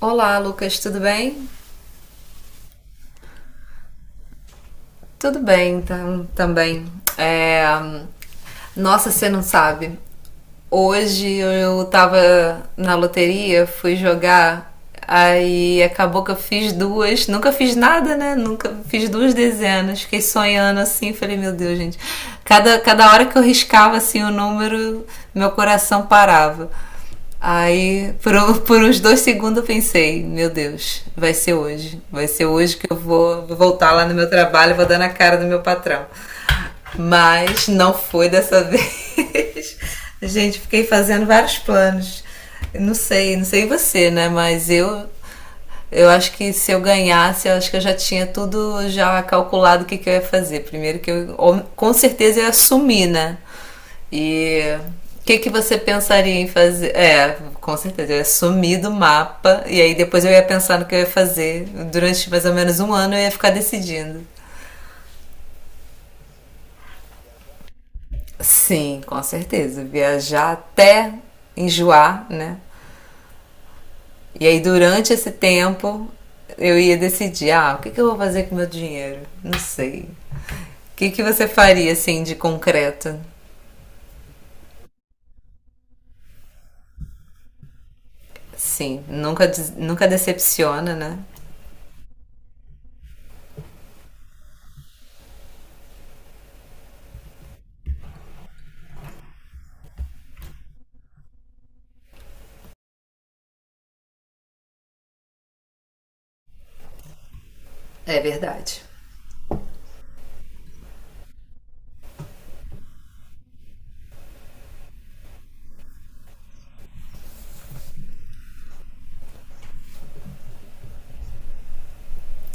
Olá, Lucas, tudo bem? Tudo bem, então, também. É, Nossa, você não sabe. Hoje eu tava na loteria, fui jogar, aí acabou que eu fiz duas. Nunca fiz nada, né? Nunca fiz duas dezenas. Fiquei sonhando assim, falei, meu Deus, gente. Cada hora que eu riscava assim o número, meu coração parava. Por uns dois segundos eu pensei, meu Deus, vai ser hoje. Vai ser hoje que eu vou voltar lá no meu trabalho e vou dar na cara do meu patrão. Mas não foi dessa vez. Gente, fiquei fazendo vários planos. Não sei você, né? Mas eu acho que se eu ganhasse, eu acho que eu já tinha tudo já calculado o que eu ia fazer. Primeiro que eu com certeza ia sumir, né? E o que você pensaria em fazer? É, com certeza, eu ia sumir do mapa e aí depois eu ia pensar no que eu ia fazer. Durante mais ou menos um ano eu ia ficar decidindo. Sim, com certeza. Viajar até enjoar, né? E aí durante esse tempo eu ia decidir, ah, o que eu vou fazer com o meu dinheiro? Não sei. O que você faria, assim, de concreto? Sim, nunca decepciona, né? É verdade.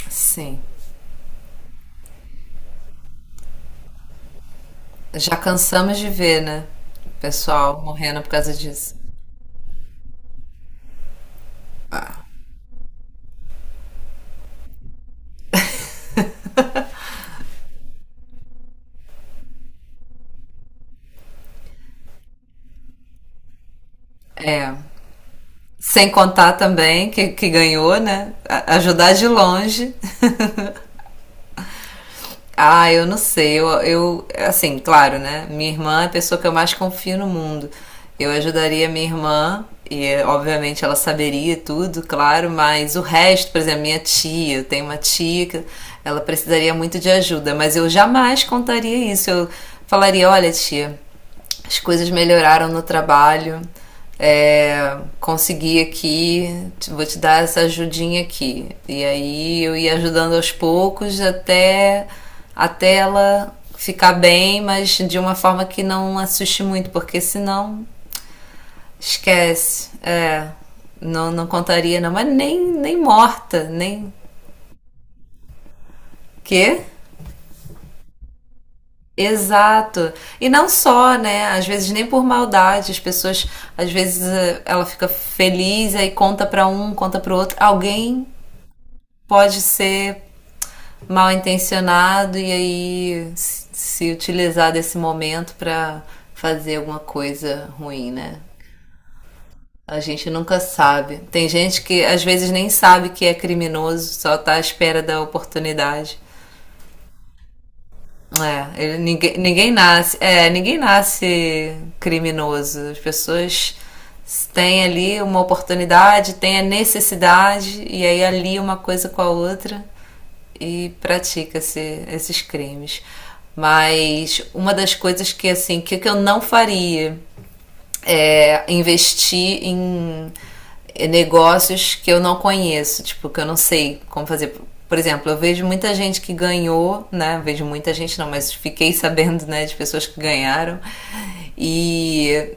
Sim. Já cansamos de ver, né? O pessoal morrendo por causa disso. É. Sem contar também que ganhou, né? A- ajudar de longe. Ah, eu não sei. Assim, claro, né? Minha irmã é a pessoa que eu mais confio no mundo. Eu ajudaria minha irmã, e obviamente ela saberia tudo, claro, mas o resto, por exemplo, minha tia, eu tenho uma tia que ela precisaria muito de ajuda, mas eu jamais contaria isso. Eu falaria: olha, tia, as coisas melhoraram no trabalho. É, consegui aqui, vou te dar essa ajudinha aqui. E aí eu ia ajudando aos poucos até, até ela ficar bem, mas de uma forma que não assuste muito, porque senão esquece. Não, não contaria, não, mas nem, nem morta, nem. Quê? Exato. E não só, né? Às vezes nem por maldade, as pessoas, às vezes ela fica feliz aí conta pra um, conta pro outro. Alguém pode ser mal intencionado e aí se utilizar desse momento pra fazer alguma coisa ruim, né? A gente nunca sabe. Tem gente que às vezes nem sabe que é criminoso, só tá à espera da oportunidade. É, ele- ninguém nasce, é, ninguém nasce criminoso. As pessoas têm ali uma oportunidade, têm a necessidade e aí ali uma coisa com a outra e pratica-se esses crimes. Mas uma das coisas que assim, que eu não faria é, investir em negócios que eu não conheço, tipo, que eu não sei como fazer. Por exemplo, eu vejo muita gente que ganhou, né? Vejo muita gente não, mas fiquei sabendo, né, de pessoas que ganharam e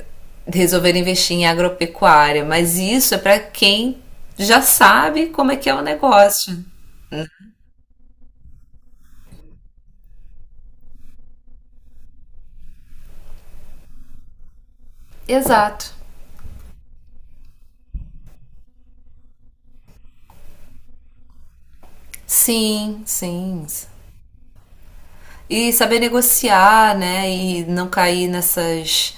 resolveram investir em agropecuária, mas isso é para quem já sabe como é que é o negócio. Exato. Sim. E saber negociar, né? E não cair nessas.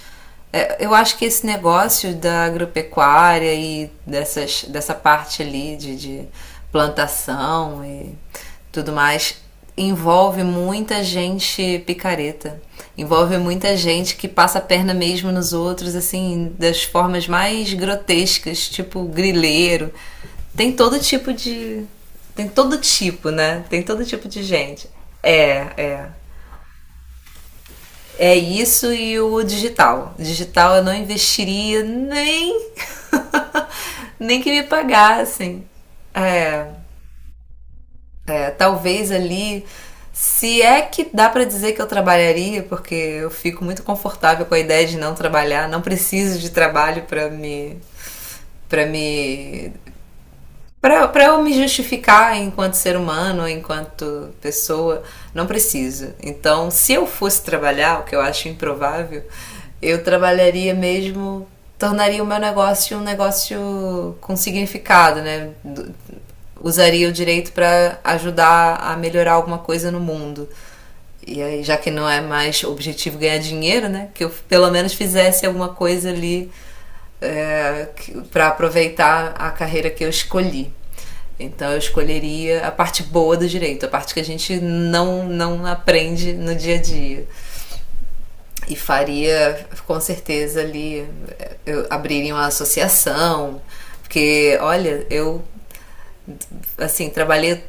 Eu acho que esse negócio da agropecuária e dessa parte ali de plantação e tudo mais envolve muita gente picareta. Envolve muita gente que passa a perna mesmo nos outros, assim, das formas mais grotescas, tipo grileiro. Tem todo tipo de. Tem todo tipo, né? Tem todo tipo de gente. É, é. É isso e o digital. Digital eu não investiria nem nem que me pagassem. É, talvez ali, se é que dá para dizer que eu trabalharia, porque eu fico muito confortável com a ideia de não trabalhar, não preciso de trabalho para me para eu me justificar enquanto ser humano, enquanto pessoa, não preciso. Então, se eu fosse trabalhar, o que eu acho improvável, eu trabalharia mesmo, tornaria o meu negócio um negócio com significado, né? Usaria o direito para ajudar a melhorar alguma coisa no mundo. E aí, já que não é mais objetivo ganhar dinheiro, né? Que eu pelo menos fizesse alguma coisa ali é, para aproveitar a carreira que eu escolhi. Então eu escolheria a parte boa do direito, a parte que a gente não aprende no dia a dia. E faria, com certeza, ali, eu abriria uma associação, porque, olha, eu assim, trabalhei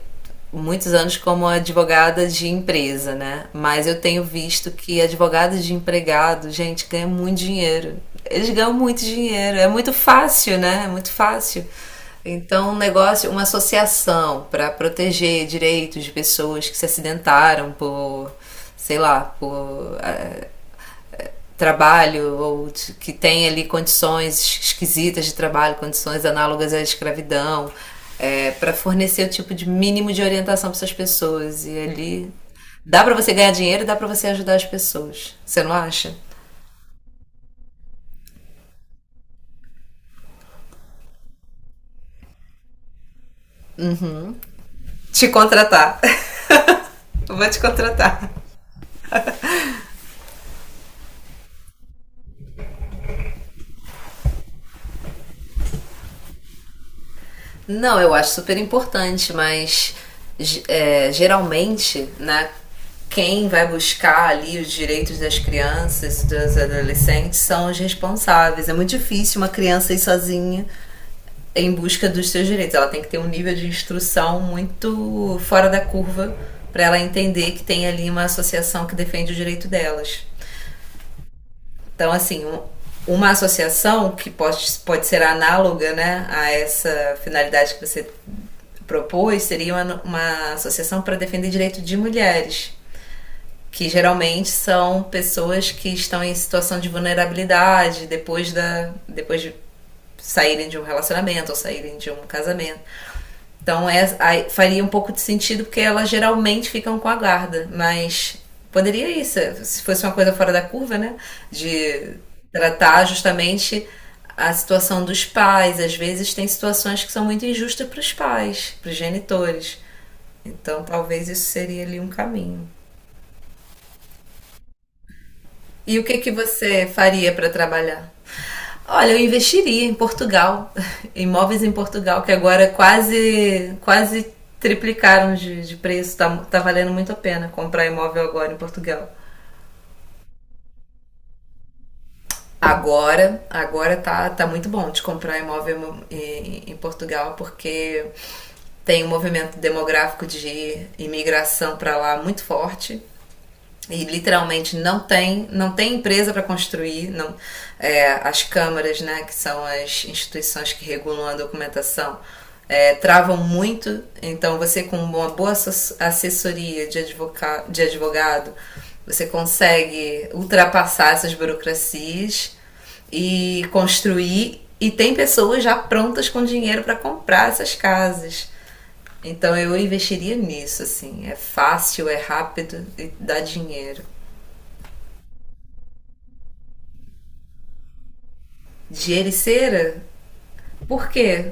muitos anos como advogada de empresa, né? Mas eu tenho visto que advogado de empregado, gente, ganha muito dinheiro. Eles ganham muito dinheiro, é muito fácil, né? É muito fácil. Então, um negócio, uma associação para proteger direitos de pessoas que se acidentaram por, sei lá, por trabalho ou de, que tem ali condições esquisitas de trabalho, condições análogas à escravidão, é, para fornecer o tipo de mínimo de orientação para essas pessoas. E ali dá para você ganhar dinheiro e dá para você ajudar as pessoas. Você não acha? Te contratar. Vou te contratar. Não, eu acho super importante, mas ge- é, geralmente, né, quem vai buscar ali os direitos das crianças, dos adolescentes, são os responsáveis. É muito difícil uma criança ir sozinha em busca dos seus direitos. Ela tem que ter um nível de instrução muito fora da curva para ela entender que tem ali uma associação que defende o direito delas. Então, assim, uma associação que pode ser análoga né, a essa finalidade que você propôs seria uma associação para defender direito de mulheres, que geralmente são pessoas que estão em situação de vulnerabilidade depois de saírem de um relacionamento ou saírem de um casamento. Então é, aí faria um pouco de sentido porque elas geralmente ficam com a guarda, mas poderia isso, se fosse uma coisa fora da curva, né? De tratar justamente a situação dos pais. Às vezes tem situações que são muito injustas para os pais, para os genitores. Então talvez isso seria ali um caminho. E o que que você faria para trabalhar? Olha, eu investiria em Portugal, imóveis em Portugal, que agora quase quase triplicaram de preço, tá valendo muito a pena comprar imóvel agora em Portugal. Agora tá muito bom de comprar imóvel em Portugal, porque tem um movimento demográfico de imigração para lá muito forte. E literalmente não tem empresa para construir não. É, as câmaras né que são as instituições que regulam a documentação é, travam muito então você com uma boa assessoria de advogado você consegue ultrapassar essas burocracias e construir e tem pessoas já prontas com dinheiro para comprar essas casas então eu investiria nisso, assim. É fácil, é rápido e dá dinheiro. De Ericeira? Por quê?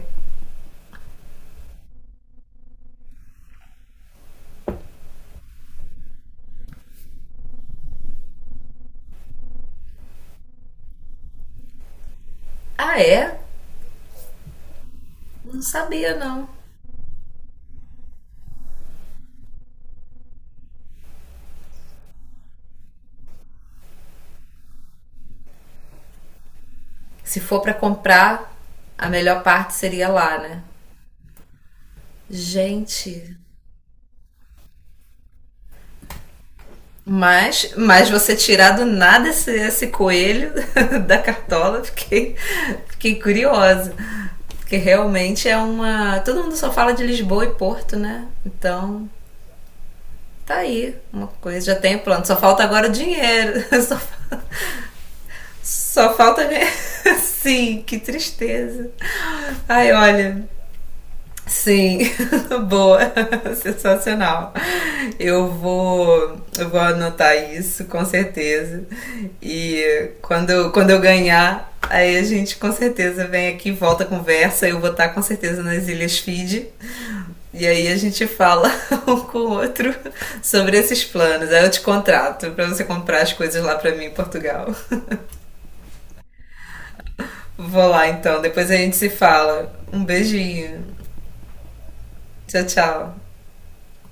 Ah, é? Não sabia, não. Se for pra comprar, a melhor parte seria lá, né? Gente, mas você tirar do nada esse coelho da cartola, fiquei, fiquei curiosa. Porque realmente é uma. Todo mundo só fala de Lisboa e Porto, né? Então, tá aí uma coisa, já tem um plano. Só falta agora o dinheiro. Só falta. Só falta ganhar. Sim, que tristeza. Ai, olha. Sim, boa, sensacional. Eu vou anotar isso com certeza. E quando eu ganhar, aí a gente com certeza vem aqui, volta a conversa. Eu vou estar com certeza nas Ilhas Fiji. E aí a gente fala um com o outro sobre esses planos. Aí eu te contrato para você comprar as coisas lá para mim em Portugal. Vou lá então, depois a gente se fala. Um beijinho. Tchau, tchau.